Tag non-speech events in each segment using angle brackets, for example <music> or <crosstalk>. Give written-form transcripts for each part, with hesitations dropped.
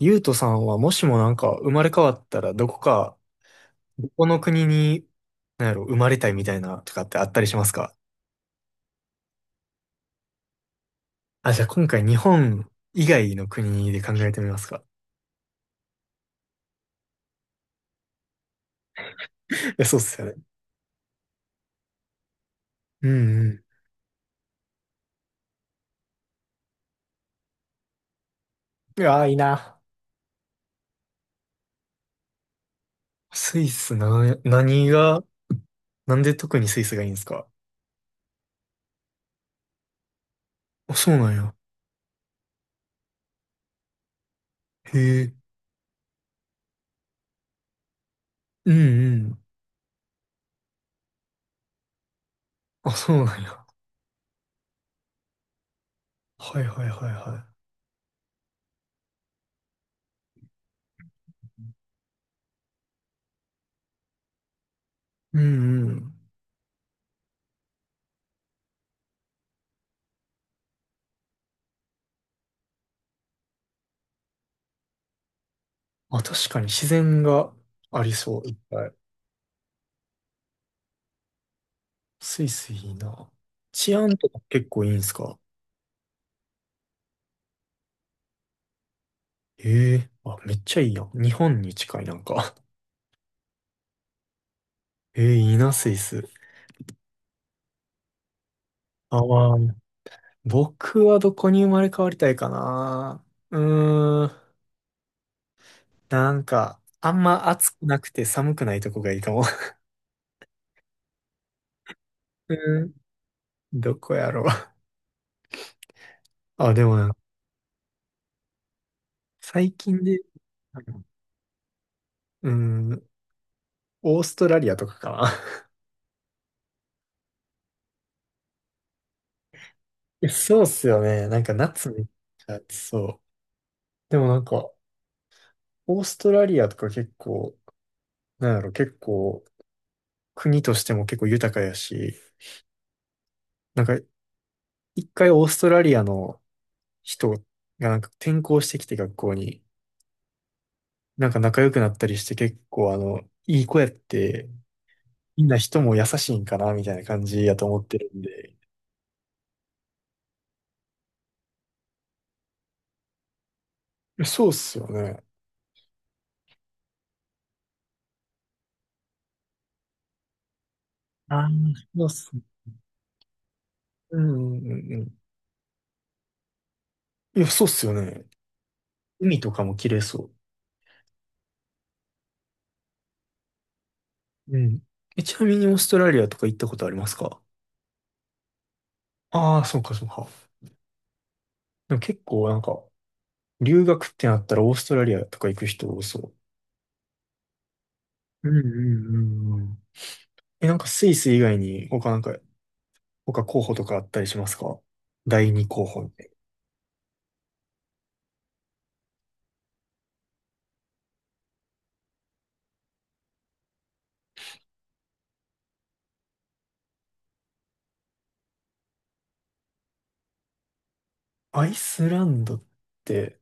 ゆうとさんはもしもなんか生まれ変わったらどこか、どこの国に、なんやろ、生まれたいみたいなとかってあったりしますか？ <laughs> あ、じゃあ今回日本以外の国で考えてみますか。<laughs> いや、そうっすよね。うんうん。いやー、いいな。スイスな、何が、なんで特にスイスがいいんですか？あ、そうなんや。へえ。うんうん。あ、そうなんや。はいはいはいはい。うんうん。あ、確かに自然がありそう。いっぱい。スイスいいな。治安とか結構いいんすか？ええー、あ、めっちゃいいやん。日本に近いなんか。<laughs> ええー、いいな、スイス。あ、まあ、僕はどこに生まれ変わりたいかな。うーん、なんか、あんま暑くなくて寒くないとこがいいかも。<laughs> うーん、どこやろう。あ、でもな、最近で、うーん、オーストラリアとかかな。<laughs> いやそうっすよね。なんか夏めっちゃ暑そう。でもなんか、オーストラリアとか結構、なんやろ、結構、国としても結構豊かやし、なんか、一回オーストラリアの人がなんか転校してきて学校に、なんか仲良くなったりして結構あの、いい子やって、みんな人も優しいんかな、みたいな感じやと思ってるんで。いやそうっすよね。ああ、そうっすね。うんうんうんうん。いや、そうっすよね。海とかも綺麗そう。うん。え、ちなみにオーストラリアとか行ったことありますか？ああー、そうかそうか。でも結構なんか、留学ってなったらオーストラリアとか行く人多そう。うんうんうんうん。え、なんかスイス以外に他なんか、他候補とかあったりしますか？第二候補みたいな。アイスランドって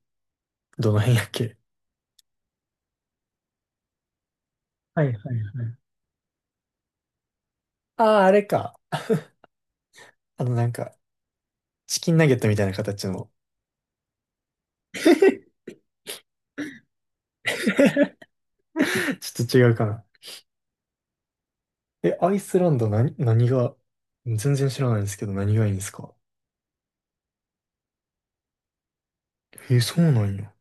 どの辺やっけ？はいはいはい。ああー、あれか。あのなんか、チキンナゲットみたいな形の。<laughs> ちょっと違うかな。え、アイスランド何が、全然知らないんですけど何がいいんですか？え、そうなんや。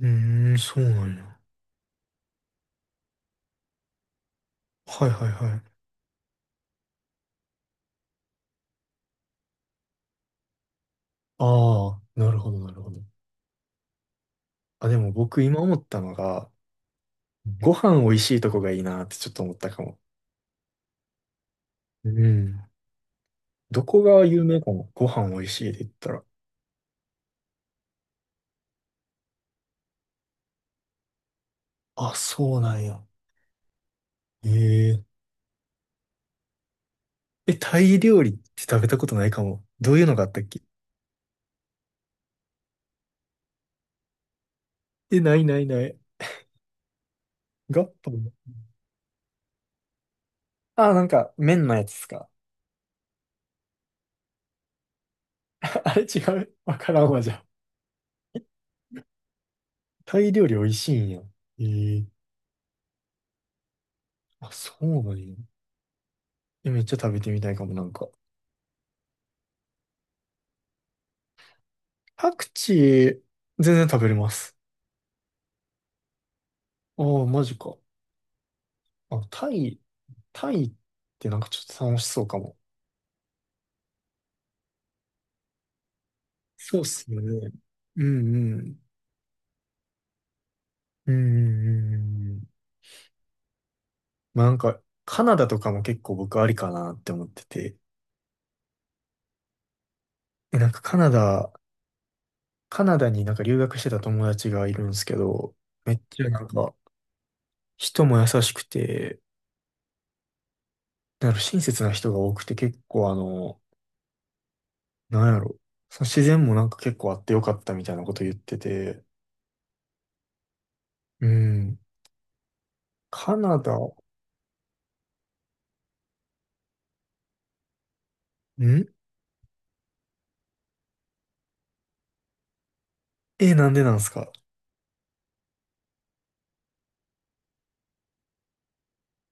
うーん、そうなんや。はいはいはい。ああ、なるほどなるほど。あ、でも僕今思ったのが、ご飯美味しいとこがいいなってちょっと思ったかも。うん。どこが有名かも。ご飯美味しいで言ったら。あ、そうなんや。ええ。え、タイ料理って食べたことないかも。どういうのがあったっけ？え、ないないない。ガッパン、あ、なんか麺のやつですか。<laughs> あれ違う。わからんわ、じゃあ。タイ料理美味しいんや。ええ。あ、そうなんや。え、めっちゃ食べてみたいかも、なんか。パクチー、全然食べれます。ああ、マジか。あ、タイってなんかちょっと楽しそうかも。そうっすよね。うんうん。うんうんうんうん。まあなんか、カナダとかも結構僕ありかなって思ってて。え、なんかカナダ、カナダになんか留学してた友達がいるんですけど、めっちゃなんか、人も優しくて、なんか親切な人が多くて結構あの、なんやろ。その自然もなんか結構あってよかったみたいなこと言ってて。うん。カナダ、ん、え、なんでなんですか？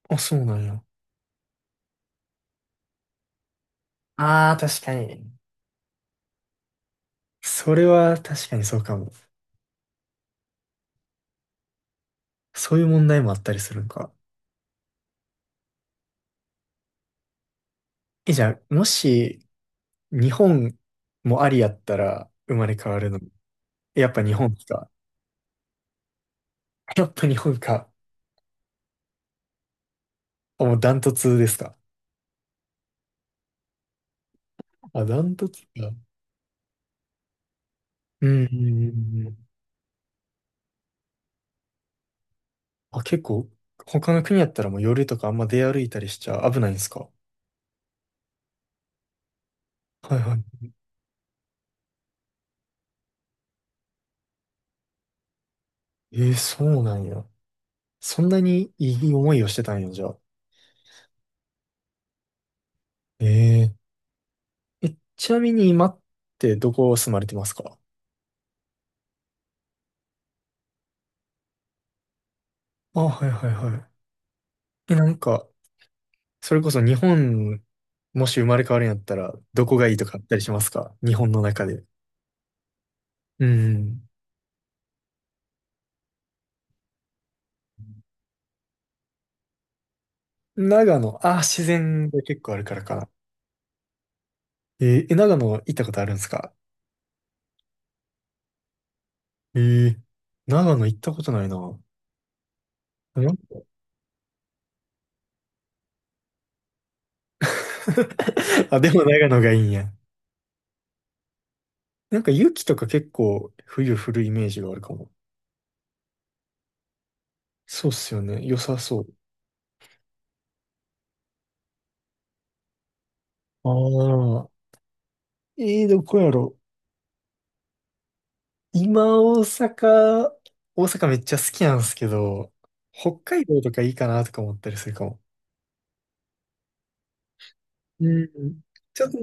あ、そうなんや。ああ、確かに。それは確かにそうかも。そういう問題もあったりするんか。え、じゃあ、もし、日本もありやったら生まれ変わるの。やっぱ日本か。やっぱ日本か。あ、もうダントツですか？あ、ダントツか。うん、うん、うんうん。あ、結構、他の国やったらもう夜とかあんま出歩いたりしちゃ危ないんですか。はいはい。えーそうなんや。そんなにいい思いをしてたんや、じゃあ。えー、え、ちなみに今ってどこ住まれてますか？あ、はいはいはい。え、なんか、それこそ日本、もし生まれ変わるんやったら、どこがいいとかあったりしますか？日本の中で。うん。長野、あ、自然が結構あるからかな。えー、え、長野行ったことあるんですか？えー、長野行ったことないな。なんか、 <laughs> あ、でも長野がいいんや。なんか雪とか結構冬降るイメージがあるかも。そうっすよね。良さそう。ああ、えー、どこやろ。今、大阪めっちゃ好きなんですけど、北海道とかいいかなとか思ったりするかも。うん。ちょっと、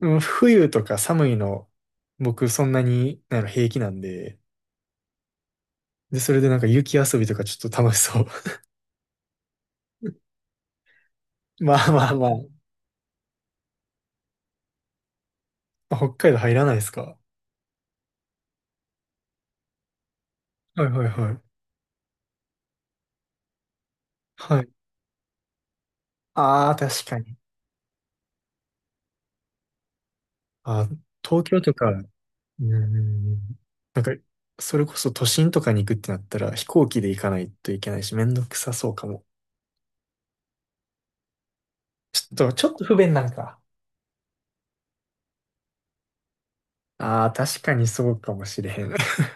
うん、冬とか寒いの、僕そんなに、なんやろ平気なんで、で、それでなんか雪遊びとかちょっと楽しそう。<laughs> まあまあまあ、北海道入らないですか？はいはいはい。はい。ああ、確かに。あ、東京とか、うん、なんか、それこそ都心とかに行くってなったら飛行機で行かないといけないし、めんどくさそうかも。ちょっと不便なんか。ああ、確かにそうかもしれへん。<laughs>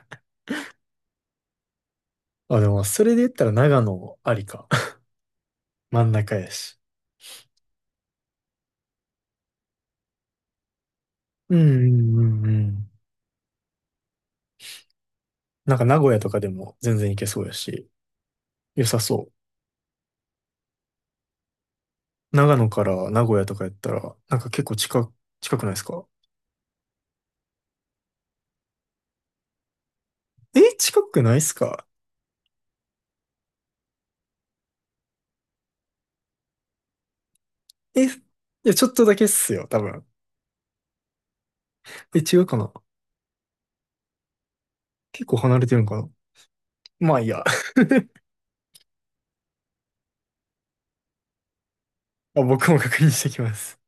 あ、でも、それで言ったら長野ありか。<laughs> 真ん中やし。うんうんうんうん。なんか名古屋とかでも全然行けそうやし、良さそう。長野から名古屋とかやったら、なんか結構近く、近くないですか？え、近くないっすか？え、いや、ちょっとだけっすよ、多分。え、違うかな？結構離れてるんかな？まあいいや。<laughs> あ、僕も確認してきます。